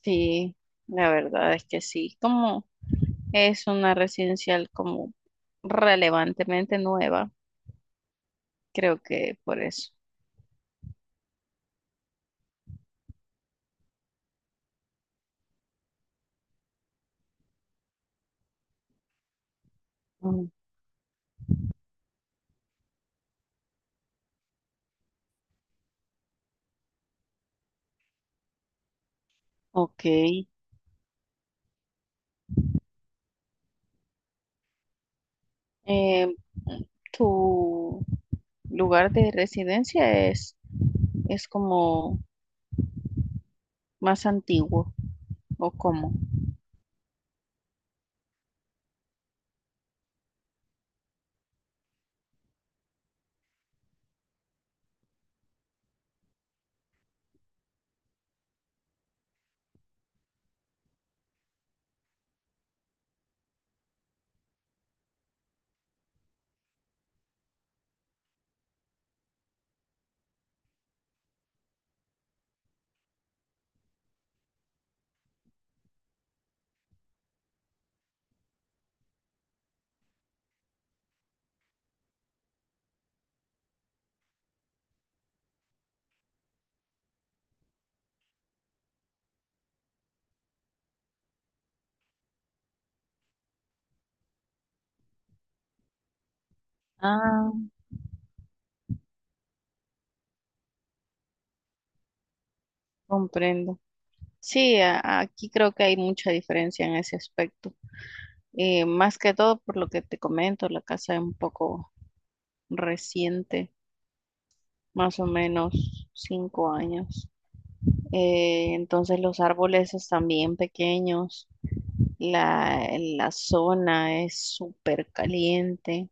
Sí, la verdad es que sí. Como es una residencial como relevantemente nueva, creo que por eso. Mm, Ok. Eh, ¿Tu lugar de residencia es como más antiguo o cómo? Ah, comprendo. Sí, aquí creo que hay mucha diferencia en ese aspecto. Más que todo por lo que te comento, la casa es un poco reciente. Más o menos 5 años. Entonces los árboles están bien pequeños, la, la zona es súper caliente,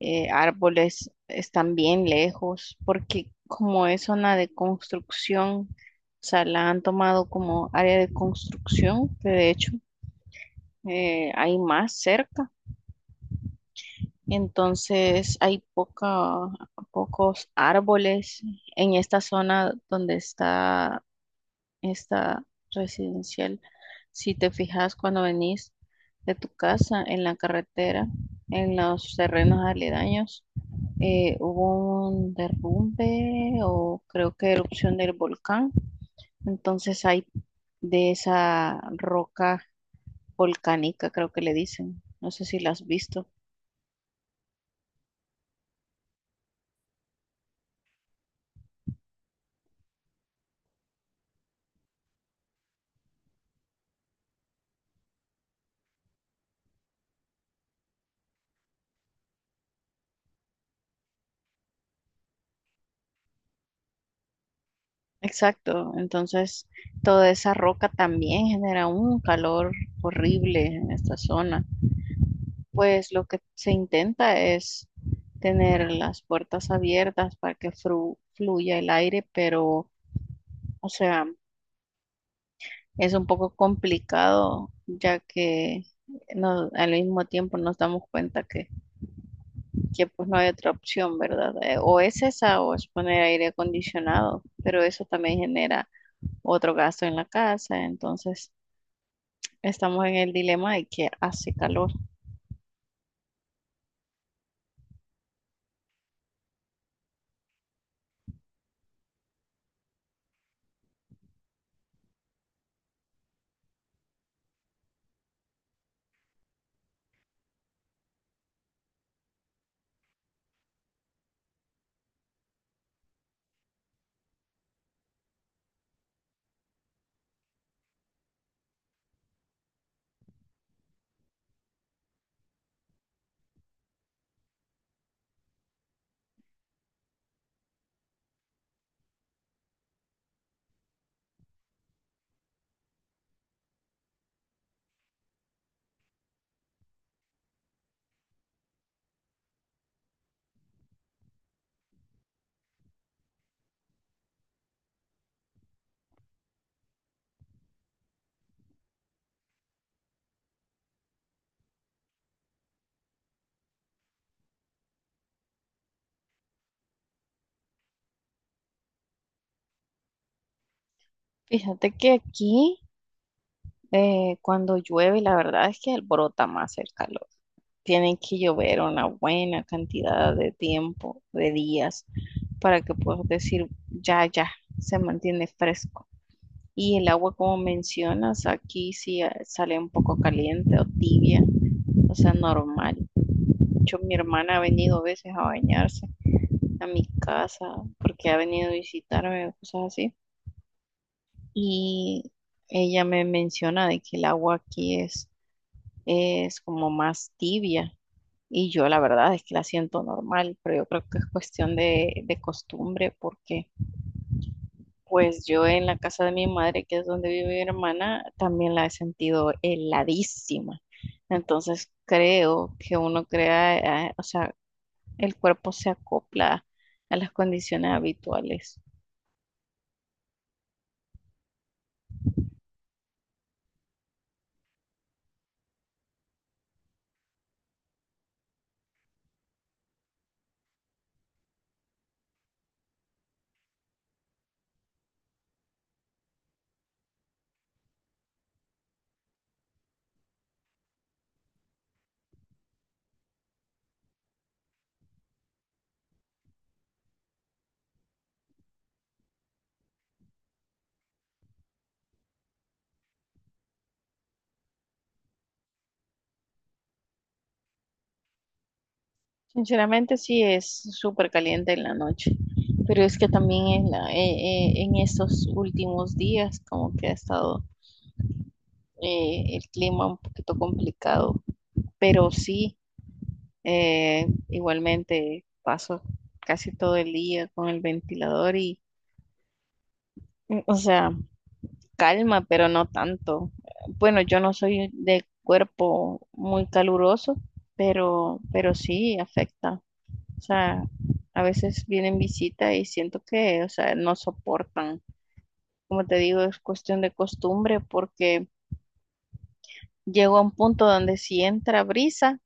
árboles están bien lejos, porque como es zona de construcción, o sea, la han tomado como área de construcción, que de hecho hay más cerca. Entonces hay pocos árboles en esta zona donde está esta residencial. Si te fijas cuando venís de tu casa en la carretera, en los terrenos aledaños, hubo un derrumbe o creo que erupción del volcán. Entonces hay de esa roca volcánica, creo que le dicen. No sé si la has visto. Exacto, entonces toda esa roca también genera un calor horrible en esta zona. Pues lo que se intenta es tener las puertas abiertas para que fluya el aire, pero, o sea, es un poco complicado ya que al mismo tiempo nos damos cuenta que, pues no hay otra opción, ¿verdad? O es esa o es poner aire acondicionado, pero eso también genera otro gasto en la casa, entonces estamos en el dilema de que hace calor. Fíjate que aquí cuando llueve, la verdad es que alborota más el calor. Tienen que llover una buena cantidad de tiempo, de días, para que puedas decir, ya, ya, se mantiene fresco. Y el agua, como mencionas, aquí sí sale un poco caliente o tibia, o sea, normal. De hecho, mi hermana ha venido a veces a bañarse a mi casa porque ha venido a visitarme, cosas así. Y ella me menciona de que el agua aquí es como más tibia. Y yo la verdad es que la siento normal, pero yo creo que es cuestión de costumbre, porque pues yo en la casa de mi madre, que es donde vive mi hermana, también la he sentido heladísima. Entonces creo que uno crea, o sea, el cuerpo se acopla a las condiciones habituales. Sinceramente sí es súper caliente en la noche, pero es que también en estos últimos días como que ha estado el clima un poquito complicado, pero sí, igualmente paso casi todo el día con el ventilador y, o sea, calma, pero no tanto. Bueno, yo no soy de cuerpo muy caluroso, pero sí afecta. O sea, a veces vienen visitas y siento que, o sea, no soportan. Como te digo, es cuestión de costumbre porque llegó a un punto donde si entra brisa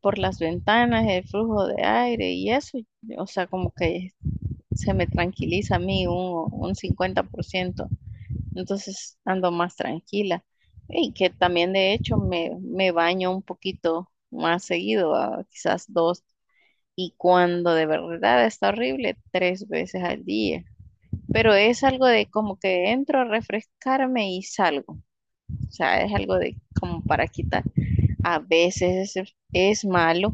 por las ventanas, el flujo de aire y eso, o sea, como que se me tranquiliza a mí un 50%, entonces ando más tranquila. Y que también de hecho me baño un poquito más seguido, ah, quizás dos, y cuando de verdad está horrible, tres veces al día. Pero es algo de como que entro a refrescarme y salgo. O sea, es algo de como para quitar. A veces es malo,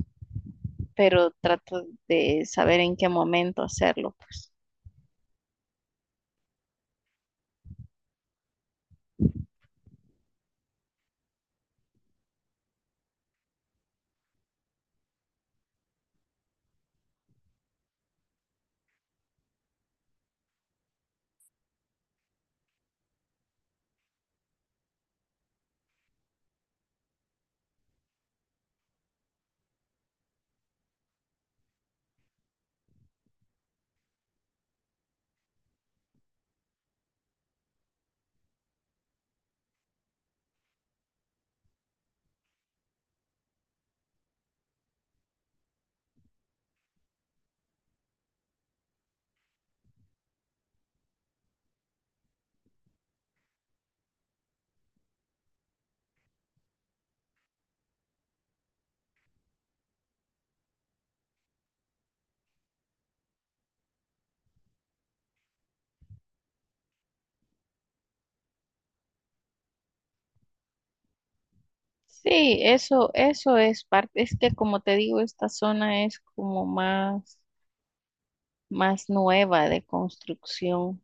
pero trato de saber en qué momento hacerlo, pues. Sí, eso es parte, es que como te digo, esta zona es como más nueva de construcción.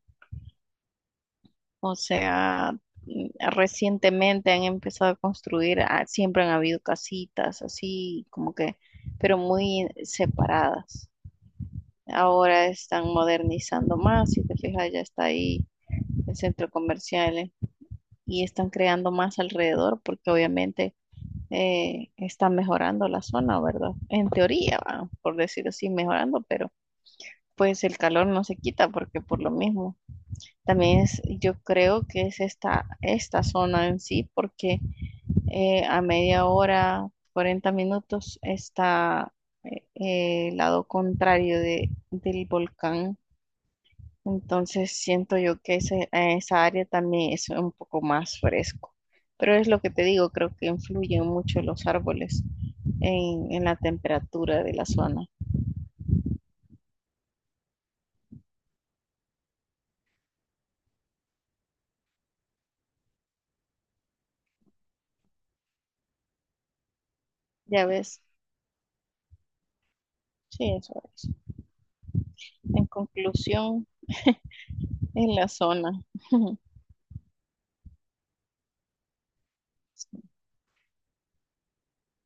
O sea, mm, recientemente han empezado a construir, ah, siempre han habido casitas así, como que, pero muy separadas. Ahora están modernizando más, si te fijas, ya está ahí el centro comercial y están creando más alrededor porque obviamente están mejorando la zona, ¿verdad? En teoría, va, por decirlo así, mejorando, pero pues el calor no se quita porque por lo mismo. También es, yo creo que es esta zona en sí porque a media hora, 40 minutos está el lado contrario del volcán, entonces siento yo que ese, esa área también es un poco más fresco. Pero es lo que te digo, creo que influyen mucho los árboles en la temperatura de la zona. Ya ves, sí, eso es. En conclusión, en la zona.